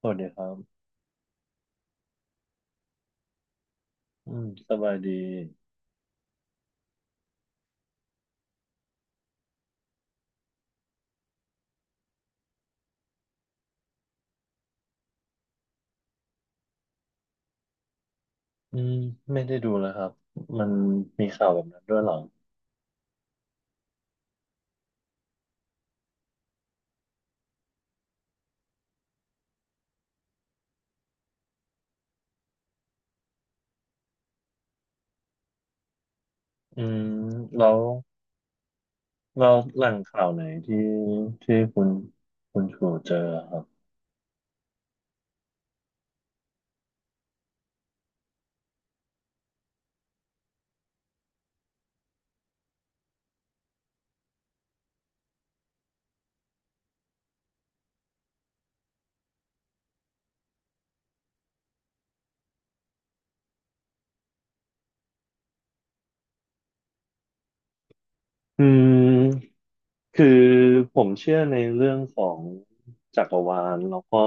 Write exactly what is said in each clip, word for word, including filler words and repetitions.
สวัสดีครับอืมสบายดีอืมไม่ได้ดูแล้วครับ มันมีข่าวแบบนั้นด้วยเหรออืมแล้วเราแหล่งข่าวไหนที่ที่คุณคุณชูเจอครับอืมคือผมเชื่อในเรื่องของจักรวาลแล้วก็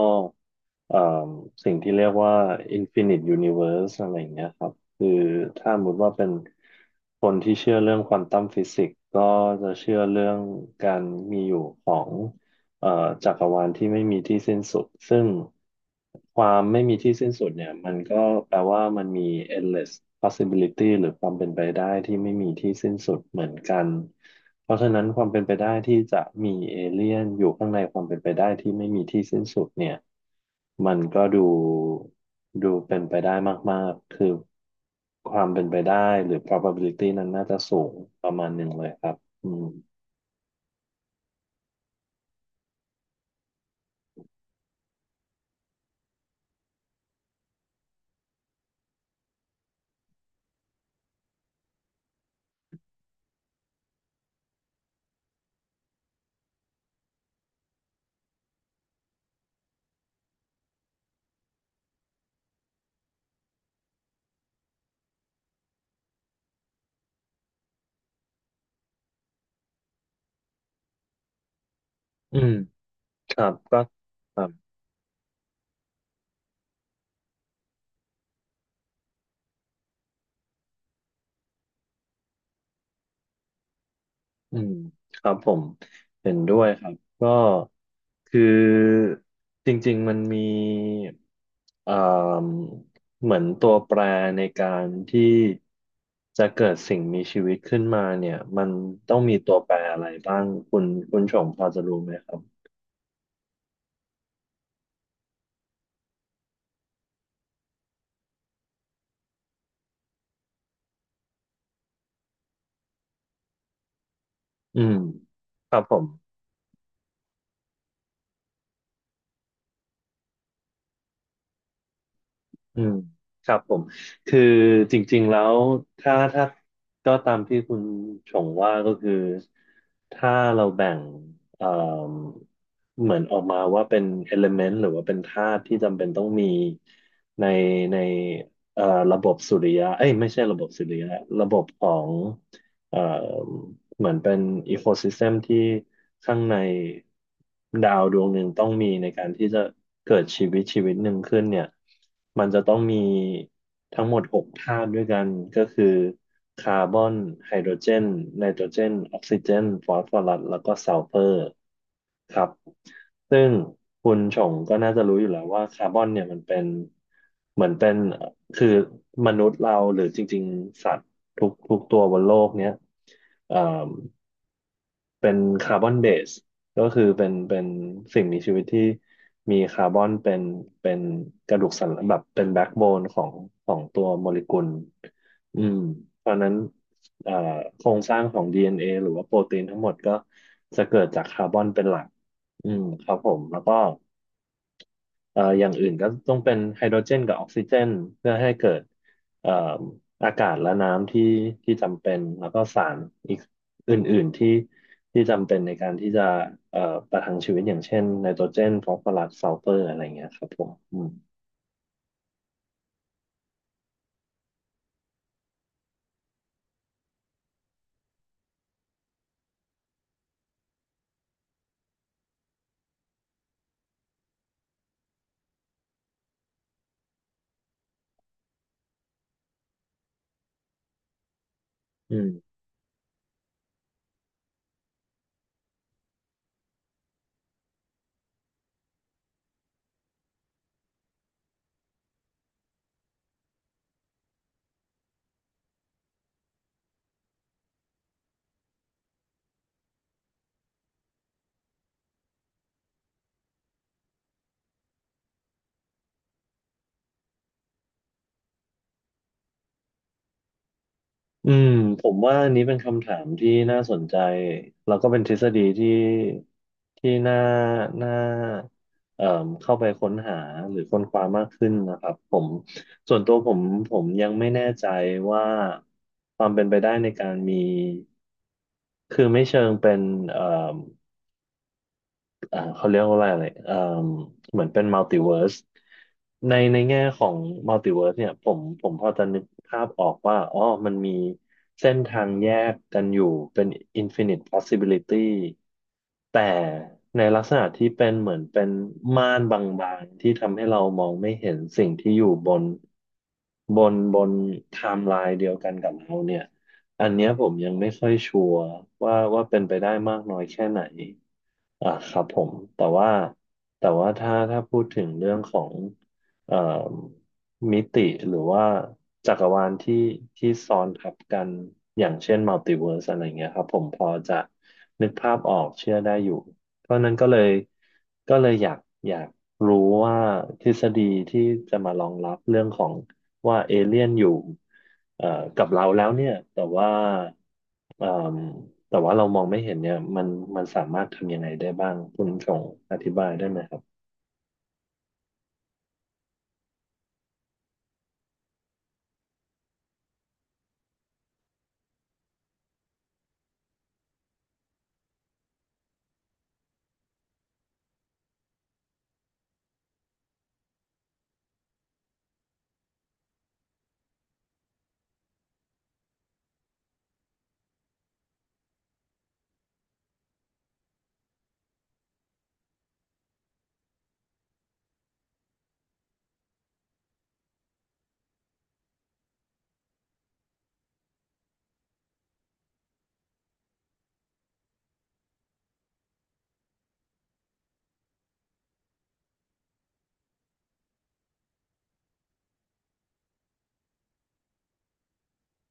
เอ่อสิ่งที่เรียกว่า Infinite Universe อะไรอย่างเงี้ยครับคือถ้าสมมติว่าเป็นคนที่เชื่อเรื่องควอนตัมฟิสิกส์ก็จะเชื่อเรื่องการมีอยู่ของเอ่อจักรวาลที่ไม่มีที่สิ้นสุดซึ่งความไม่มีที่สิ้นสุดเนี่ยมันก็แปลว่ามันมี endless possibility หรือความเป็นไปได้ที่ไม่มีที่สิ้นสุดเหมือนกันเพราะฉะนั้นความเป็นไปได้ที่จะมีเอเลี่ยนอยู่ข้างในความเป็นไปได้ที่ไม่มีที่สิ้นสุดเนี่ย มันก็ดูดูเป็นไปได้มากๆคือความเป็นไปได้หรือ probability นั้นน่าจะสูงประมาณหนึ่งเลยครับอืมอืมครับก็ครับอืมครับผมเห็นด้วยครับ ก็คือจริงๆมันมีเอ่มเหมือนตัวแปรในการที่จะเกิดสิ่งมีชีวิตขึ้นมาเนี่ยมันต้องมีตัวแปรอะไรบ้างคุณคุณชงพอจะรู้ไหมครับ อืมครับผมอืมครับผมคือจริงๆแล้วถ้าถ้าก็ตามที่คุณชงว่าก็คือถ้าเราแบ่งเอ่มเหมือนออกมาว่าเป็น element หรือว่าเป็นธาตุที่จำเป็นต้องมีในในเอ่อระบบสุริยะเอ้ยไม่ใช่ระบบสุริยะระบบของ เอ่อเหมือนเป็นอีโคซิสเต็มที่ข้างในดาวดวงหนึ่งต้องมีในการที่จะเกิดชีวิตชีวิตหนึ่งขึ้นเนี่ยมันจะต้องมีทั้งหมดหกธาตุด้วยกันก็คือคาร์บอนไฮโดรเจนไนโตรเจนออกซิเจนฟอสฟอรัสแล้วก็ซัลเฟอร์ครับซึ่งคุณชงก็น่าจะรู้อยู่แล้วว่าคาร์บอนเนี่ยมันเป็นเหมือนเป็นคือมนุษย์เราหรือจริงๆสัตว์ ทุกทุกตัวบนโลกเนี้ยเอ่อเป็นคาร์บอนเบสก็คือเป็นเป็นสิ่งมีชีวิตที่มีคาร์บอนเป็นเป็นกระดูกสันหลังแบบเป็นแบ็กโบนของของตัวโมเลกุลอืมเพราะฉะนั้นเอ่อโครงสร้างของ ดี เอ็น เอ หรือว่าโปรตีนทั้งหมดก็จะเกิดจากคาร์บอนเป็นหลักอืมครับผมแล้วก็ เอ่ออย่างอื่นก็ต้องเป็นไฮโดรเจนกับออกซิเจนเพื่อให้เกิดเอ่ออากาศและน้ำที่ที่จำเป็นแล้วก็สารอีกอื่นๆที่ที่จำเป็นในการที่จะเอ่อประทังชีวิตอย่างเช่นไนโตรเจนฟอสฟอรัสซัลเฟอร์อะไรเงี้ยครับผมอืมอืม อืมผมว่าอันนี้เป็นคำถามที่น่าสนใจแล้วก็เป็นทฤษฎีที่ที่น่าน่าเอ่มเข้าไปค้นหาหรือค้นคว้ามากขึ้นนะครับผมส่วนตัวผมผมยังไม่แน่ใจว่าความเป็นไปได้ในการมีคือไม่เชิงเป็นเอ่อ อ่าเขาเรียกว่าอะไรอะไรเอ่อเหมือนเป็นมัลติเวิร์สในในแง่ของมัลติเวิร์สเนี่ยผมผมพอจะนึกภาพออกว่าอ๋อมันมีเส้นทางแยกกันอยู่เป็นอินฟินิต possibility แต่ในลักษณะที่เป็นเหมือนเป็นม่านบางๆที่ทำให้เรามองไม่เห็นสิ่งที่อยู่บนบนบนไทม์ไลน์เดียวกันกับเราเนี่ยอันเนี้ยผมยังไม่ค่อยชัวร์ว่าว่าเป็นไปได้มากน้อยแค่ไหน อ่าครับผมแต่ว่าแต่ว่าถ้าถ้าพูดถึงเรื่องของเอ่อมิติหรือว่าจักรวาลที่ที่ซ้อนทับกันอย่างเช่นมัลติเวิร์สอะไรเงี้ยครับผมพอจะนึกภาพออกเชื่อได้อยู่เพราะนั้นก็เลยก็เลยอยากอยากรู้ว่าทฤษฎีที่จะมารองรับเรื่องของว่าเอเลี่ยนอยู่เอ่อกับเราแล้วเนี่ยแต่ว่า เอ่มแต่ว่าเรามองไม่เห็นเนี่ยมันมันสามารถทำยังไงได้บ้างคุณส่งอธิบายได้ไหมครับ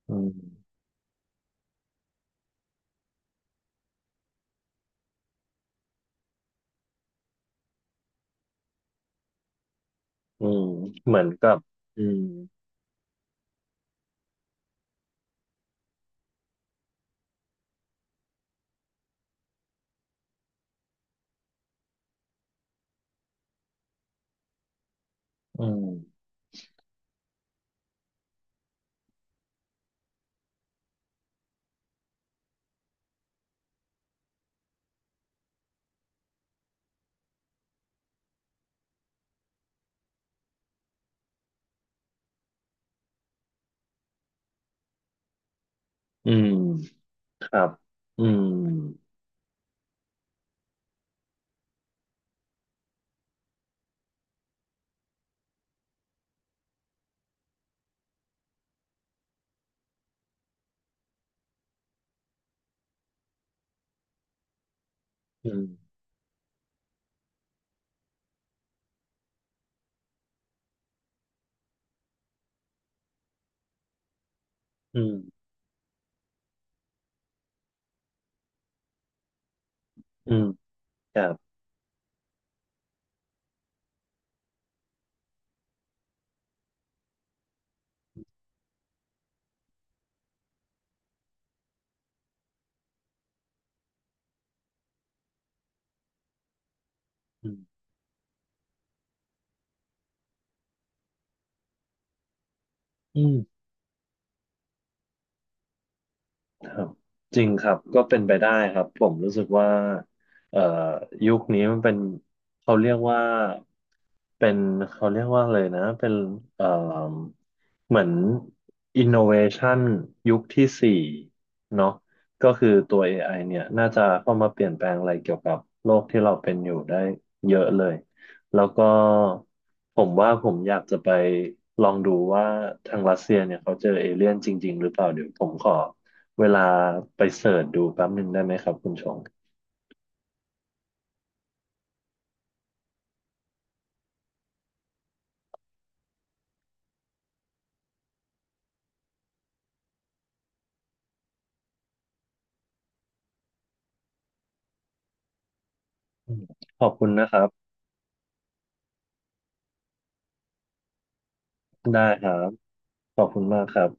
อืมอืมเหมือนกับอืมอืมอืมครับอืมอืมอืมอืมครับอืมอืม ครับจริงครับก็เป็นไปได้ครับผมรู้สึกว่าเอ่อยุคนี้มันเป็นเขาเรียกว่าเป็นเขาเรียกว่าเลยนะเป็นเอ่อเหมือน innovation ยุคที่สี่เนาะก็คือตัว เอ ไอ เนี่ยน่าจะเข้ามาเปลี่ยนแปลงอะไรเกี่ยวกับโลกที่เราเป็นอยู่ได้เยอะเลยแล้วก็ผมว่าผมอยากจะไปลองดูว่าทางรัสเซียเนี่ยเขาเจอเอเลี่ยนจริงๆหรือเปล่าเดี๋ยวผมขอ เวลาไปเสิร์ชดูแป๊บหนึ่งได้ไหมครับคุณชงอืมขอบคุณนะครับได้ครับขอบคุณมากครับ